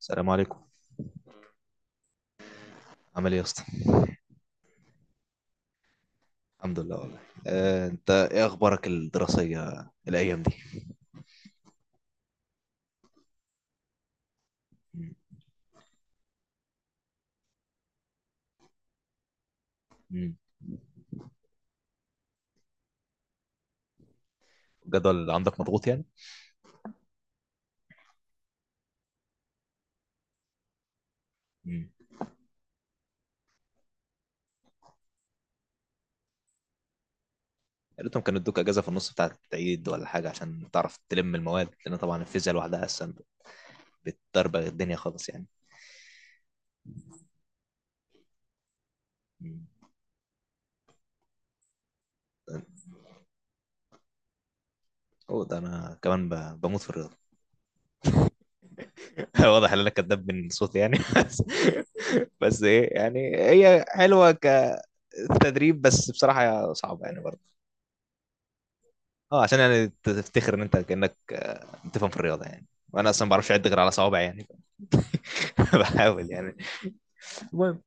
السلام عليكم. عامل ايه يا اسطى؟ الحمد لله والله. انت ايه اخبارك الدراسيه الايام دي؟ مم. الجدول اللي عندك مضغوط يعني؟ مم. يا ريتهم كانوا ادوك اجازه في النص بتاعه العيد ولا حاجه عشان تعرف تلم المواد، لان طبعا الفيزياء لوحدها اصلا بتدربغ الدنيا خالص يعني. مم. اوه، ده انا كمان بموت في الرياضه. واضح ان انا كداب من صوتي يعني، بس بس ايه يعني، هي حلوه كتدريب، بس بصراحه صعبه يعني. اه، عشان يعني تفتخر ان انت كانك بتفهم في الرياضه يعني، وانا اصلا ما بعرفش اعد غير على صوابعي يعني. بحاول يعني. المهم،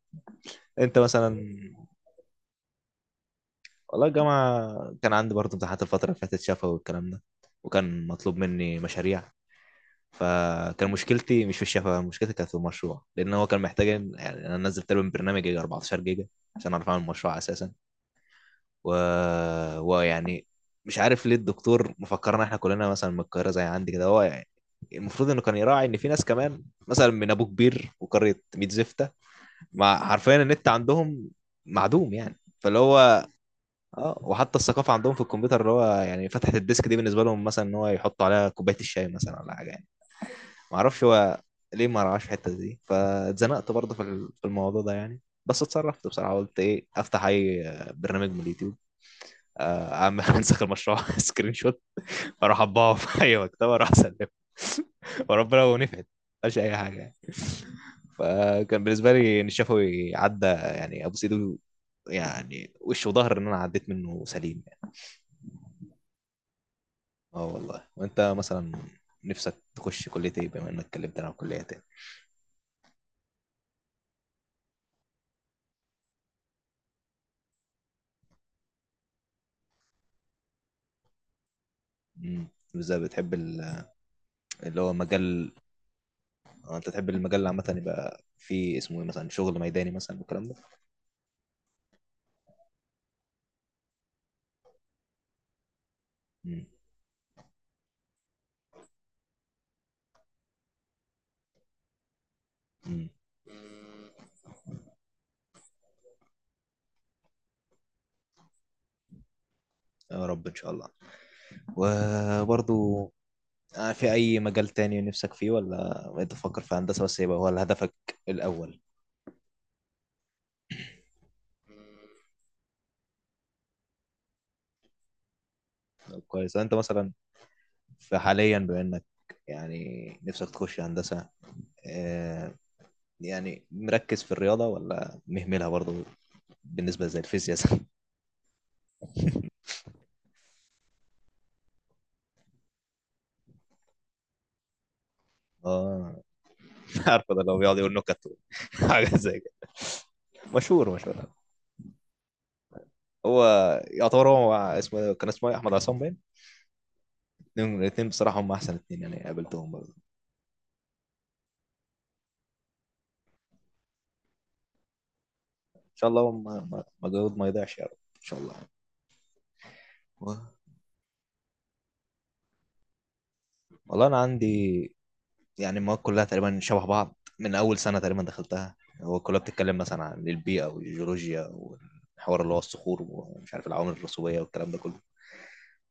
انت مثلا. والله الجامعه كان عندي برضه امتحانات الفتره اللي فاتت، شفوي والكلام ده، وكان مطلوب مني مشاريع. فكان مشكلتي مش في الشفا، مشكلتي كانت في المشروع، لان هو كان محتاج يعني، انا نزلت له برنامج يجي 14 جيجا عشان اعرف اعمل مشروع اساسا. و... ويعني مش عارف ليه الدكتور مفكرنا احنا كلنا مثلا من القاهره زي عندي كده هو يعني. المفروض انه كان يراعي ان في ناس كمان مثلا من ابو كبير وقريه ميت زفته، مع حرفيا النت عندهم معدوم يعني، فاللي هو اه، وحتى الثقافه عندهم في الكمبيوتر، اللي هو يعني فتحه الديسك دي بالنسبه لهم مثلا ان هو يحطوا عليها كوبايه الشاي مثلا ولا حاجه يعني. ما اعرفش هو ليه ما رعاش الحته دي، فاتزنقت برضه في في الموضوع ده يعني. بس اتصرفت بصراحه، قلت ايه، افتح اي برنامج من اليوتيوب، عم انسخ المشروع سكرين شوت، اروح اطبعه في اي مكتبه، اروح اسلمه. وربنا لو نفعت، مش اي حاجه يعني. فكان بالنسبه لي ان الشفوي عدى يعني، ابو سيدو يعني، وش وظهر ان انا عديت منه سليم يعني. اه والله. وانت مثلا نفسك تخش كليه ايه، بما انك اتكلمت عن الكليه تاني؟ امم، بالذات بتحب اللي هو مجال. انت تحب المجال عامه يبقى فيه اسمه ايه، مثلا شغل ميداني مثلا والكلام ده؟ امم. امم. يا رب ان شاء الله. وبرضو في أي مجال تاني نفسك فيه، ولا بقيت تفكر في هندسة بس يبقى هو هدفك الأول؟ طب كويس. أنت مثلا في حاليا بما إنك يعني نفسك تخش هندسة، آه، يعني مركز في الرياضة ولا مهملها برضو بالنسبة زي الفيزياء زي-؟ اه، عارفه ده اللي هو بيقعد يقول نكت، حاجة زي كده؟ مشهور. هو يعتبر هو اسمه، كان اسمه إيه؟ أحمد عصام باين. الاتنين بصراحة هم أحسن اتنين يعني قابلتهم. شاء الله مجهود ما يضيعش يا رب. ان شاء الله. و- والله انا عندي يعني المواد كلها تقريبا شبه بعض من اول سنه تقريبا دخلتها. هو كلها بتتكلم مثلا عن البيئه والجيولوجيا والحوار اللي هو الصخور، ومش عارف العوامل الرسوبيه والكلام ده كله.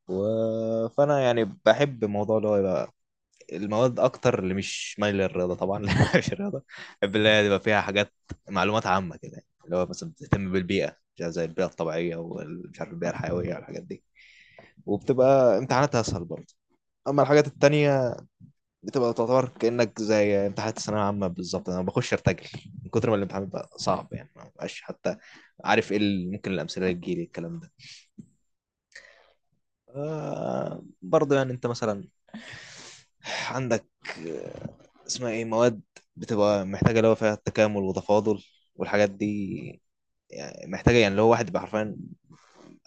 و... فانا يعني بحب الموضوع اللي هو يبقى المواد اكتر اللي مش مايل للرياضه طبعا، لأن مش الرياضه. بحب اللي هي يبقى فيها حاجات، معلومات عامه كده، اللي هو مثلا بتهتم بالبيئه، زي البيئه الطبيعيه، ومش عارف البيئه الحيويه والحاجات دي. وبتبقى امتحاناتها اسهل برضه. اما الحاجات التانية بتبقى تعتبر كانك زي امتحانات الثانويه العامه بالظبط، انا بخش ارتجل من كتر ما الامتحان بيبقى صعب يعني، ما بقاش حتى عارف ايه اللي ممكن الامثله اللي تجيلي الكلام ده. آه برضه يعني، انت مثلا عندك آه، اسمها ايه، مواد بتبقى محتاجه اللي هو فيها التكامل وتفاضل والحاجات دي، يعني محتاجه يعني اللي هو واحد يبقى حرفيا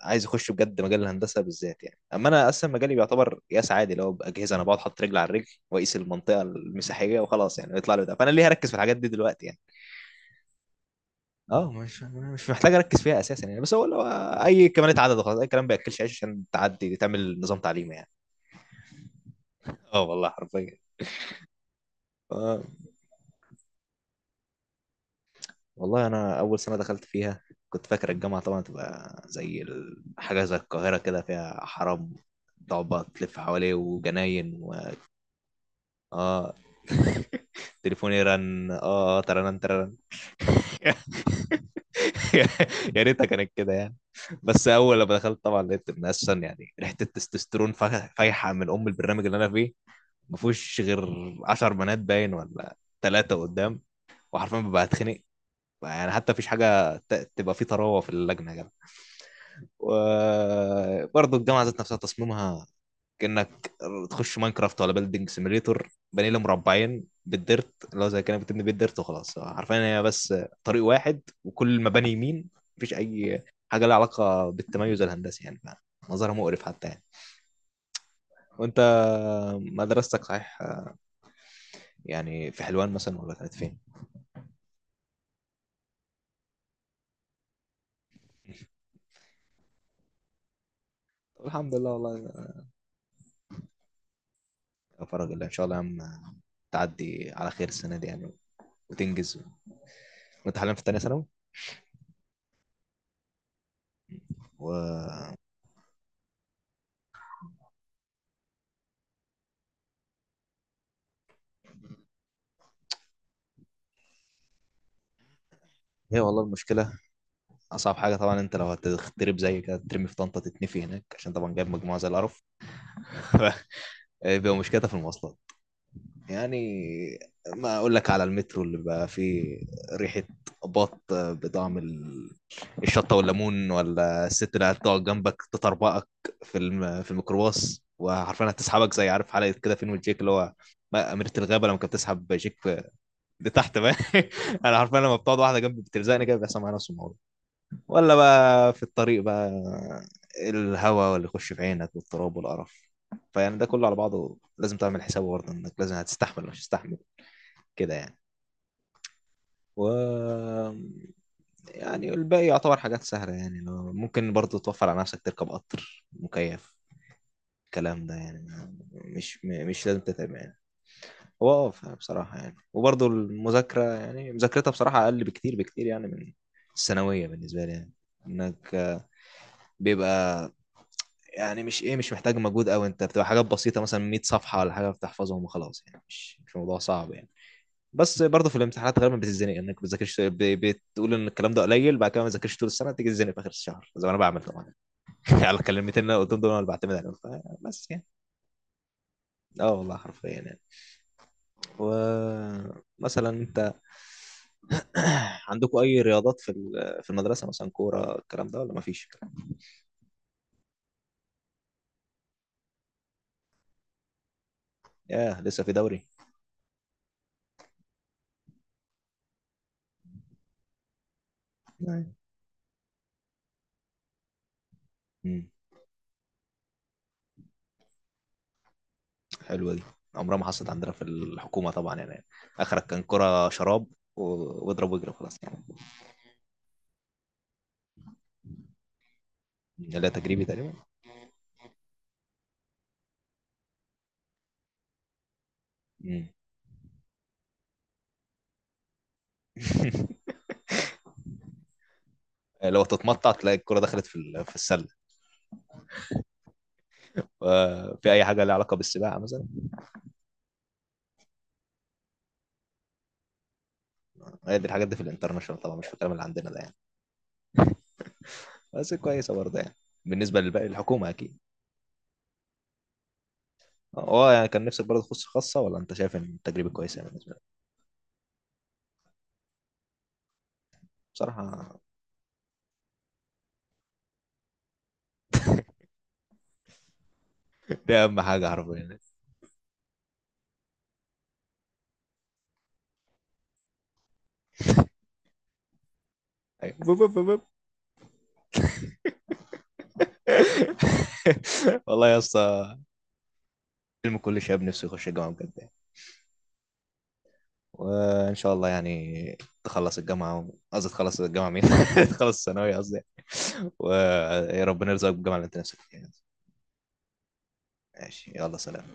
عايز يخش بجد مجال الهندسه بالذات يعني. اما انا اصلا مجالي بيعتبر قياس عادي، اللي هو باجهزه انا بقعد احط رجل على الرجل واقيس المنطقه المساحيه وخلاص يعني، يطلع لي ده، فانا ليه هركز في الحاجات دي دلوقتي يعني؟ اه، مش محتاج اركز فيها اساسا يعني. بس هو لو اي كمالة عدد وخلاص، اي كلام بياكلش عيش عشان تعدي تعمل نظام تعليمي يعني. اه والله حرفيا. آه، والله انا اول سنه دخلت فيها كنت فاكر الجامعه طبعا تبقى زي حاجه زي القاهره كده، فيها حرام تقعد بقى تلف حواليه وجناين. اه، تليفوني رن اه، ترنن ترنن. يا ريتها كانت كده يعني. بس اول لما دخلت طبعا لقيت ان اصلا يعني ريحه التستوستيرون فايحه من ام البرنامج اللي انا فيه، ما فيهوش غير 10 بنات باين، ولا ثلاثه قدام. وحرفيا ببقى اتخنق يعني، حتى مفيش حاجه تبقى فيه طراوه في اللجنه يا جدع. وبرضه الجامعه ذات نفسها تصميمها كانك تخش ماينكرافت ولا بيلدينج سيميليتور، بني له مربعين بالديرت، اللي هو زي كانك بتبني بيت ديرت وخلاص، عارفين هي بس طريق واحد وكل المباني يمين، مفيش اي حاجه لها علاقه بالتميز الهندسي يعني، منظرها مقرف حتى يعني. وانت مدرستك صحيح يعني في حلوان مثلا ولا كانت فين؟ الحمد لله والله. يا فرج الله ان شاء الله يا عم، تعدي على خير السنه دي يعني وتنجز. وانت حاليا في ثانيه ثانوي. و هي والله المشكله اصعب حاجه طبعا، انت لو هتتضرب زي كده ترمي في طنطا تتنفي هناك عشان طبعا جايب مجموعه زي القرف. بيبقى مشكلتها في المواصلات يعني، ما اقول لك على المترو اللي بقى فيه ريحه بطعم الشطه والليمون، ولا الست اللي هتقعد جنبك تطربقك في الميكروباص، وعارفين هتسحبك زي عارف حلقه كده فين وجيك، اللي هو أميرة الغابة لما كانت بتسحب جيك لتحت بقى. أنا عارفين لما بتقعد واحدة جنبي بتلزقني كده بيحصل معايا نفس الموضوع. ولا بقى في الطريق بقى، الهواء واللي يخش في عينك والتراب والقرف. فيعني ده كله على بعضه لازم تعمل حسابه برضه انك لازم هتستحمل مش هتستحمل كده يعني. و يعني الباقي يعتبر حاجات سهلة يعني. لو ممكن برضه توفر على نفسك تركب قطر مكيف، الكلام ده يعني، مش مش لازم تتعب يعني. هو اه بصراحة يعني، وبرضه المذاكرة يعني مذاكرتها بصراحة أقل بكتير بكتير يعني من الثانوية بالنسبة لي يعني، إنك بيبقى يعني مش ايه، مش محتاج مجهود قوي، انت بتبقى حاجات بسيطه مثلا 100 صفحه ولا حاجه بتحفظهم وخلاص يعني، مش موضوع صعب يعني. بس برضه في الامتحانات غالبا بتتزنق انك بتذاكرش بتقول ان الكلام ده قليل، بعد كده ما تذاكرش طول السنه، تيجي تتزنق في اخر الشهر زي ما انا بعمل طبعا. على الكلمتين اللي أنا قلتهم دول انا اللي بعتمد عليهم بس يعني. اه والله حرفيا يعني. ومثلا انت عندكم اي رياضات في في المدرسه مثلا، كوره الكلام ده، ولا ما فيش؟ ياه، لسه في دوري. نعم. حلوه دي، عمرها ما حصلت عندنا في الحكومه طبعا يعني، اخرك كان كرة شراب واضرب واجري خلاص يعني. لا تجريبي تقريبا. مم. لو تتمطع تلاقي الكرة دخلت في في السله. في اي حاجه لها علاقه بالسباحه مثلا؟ هي دي الحاجات دي في الانترناشونال طبعا، مش في الكلام اللي عندنا ده يعني. بس كويسه برضه يعني، بالنسبه للباقي الحكومه اكيد. اه يعني كان نفسك برضه تخش خاصه، ولا انت شايف ان التجربه كويسه يعني بالنسبه لك؟ بصراحه دي اهم حاجه حرفيا يعني. أيوة. بوب بوب بوب. والله يا اسطى، حلم كل شاب نفسه يخش الجامعة بجد يعني. وإن شاء الله يعني تخلص الجامعة، قصدي تخلص الجامعة مين؟ تخلص الثانوية قصدي. وربنا يرزقك بالجامعة اللي أنت نفسك فيها. ماشي، يلا سلام.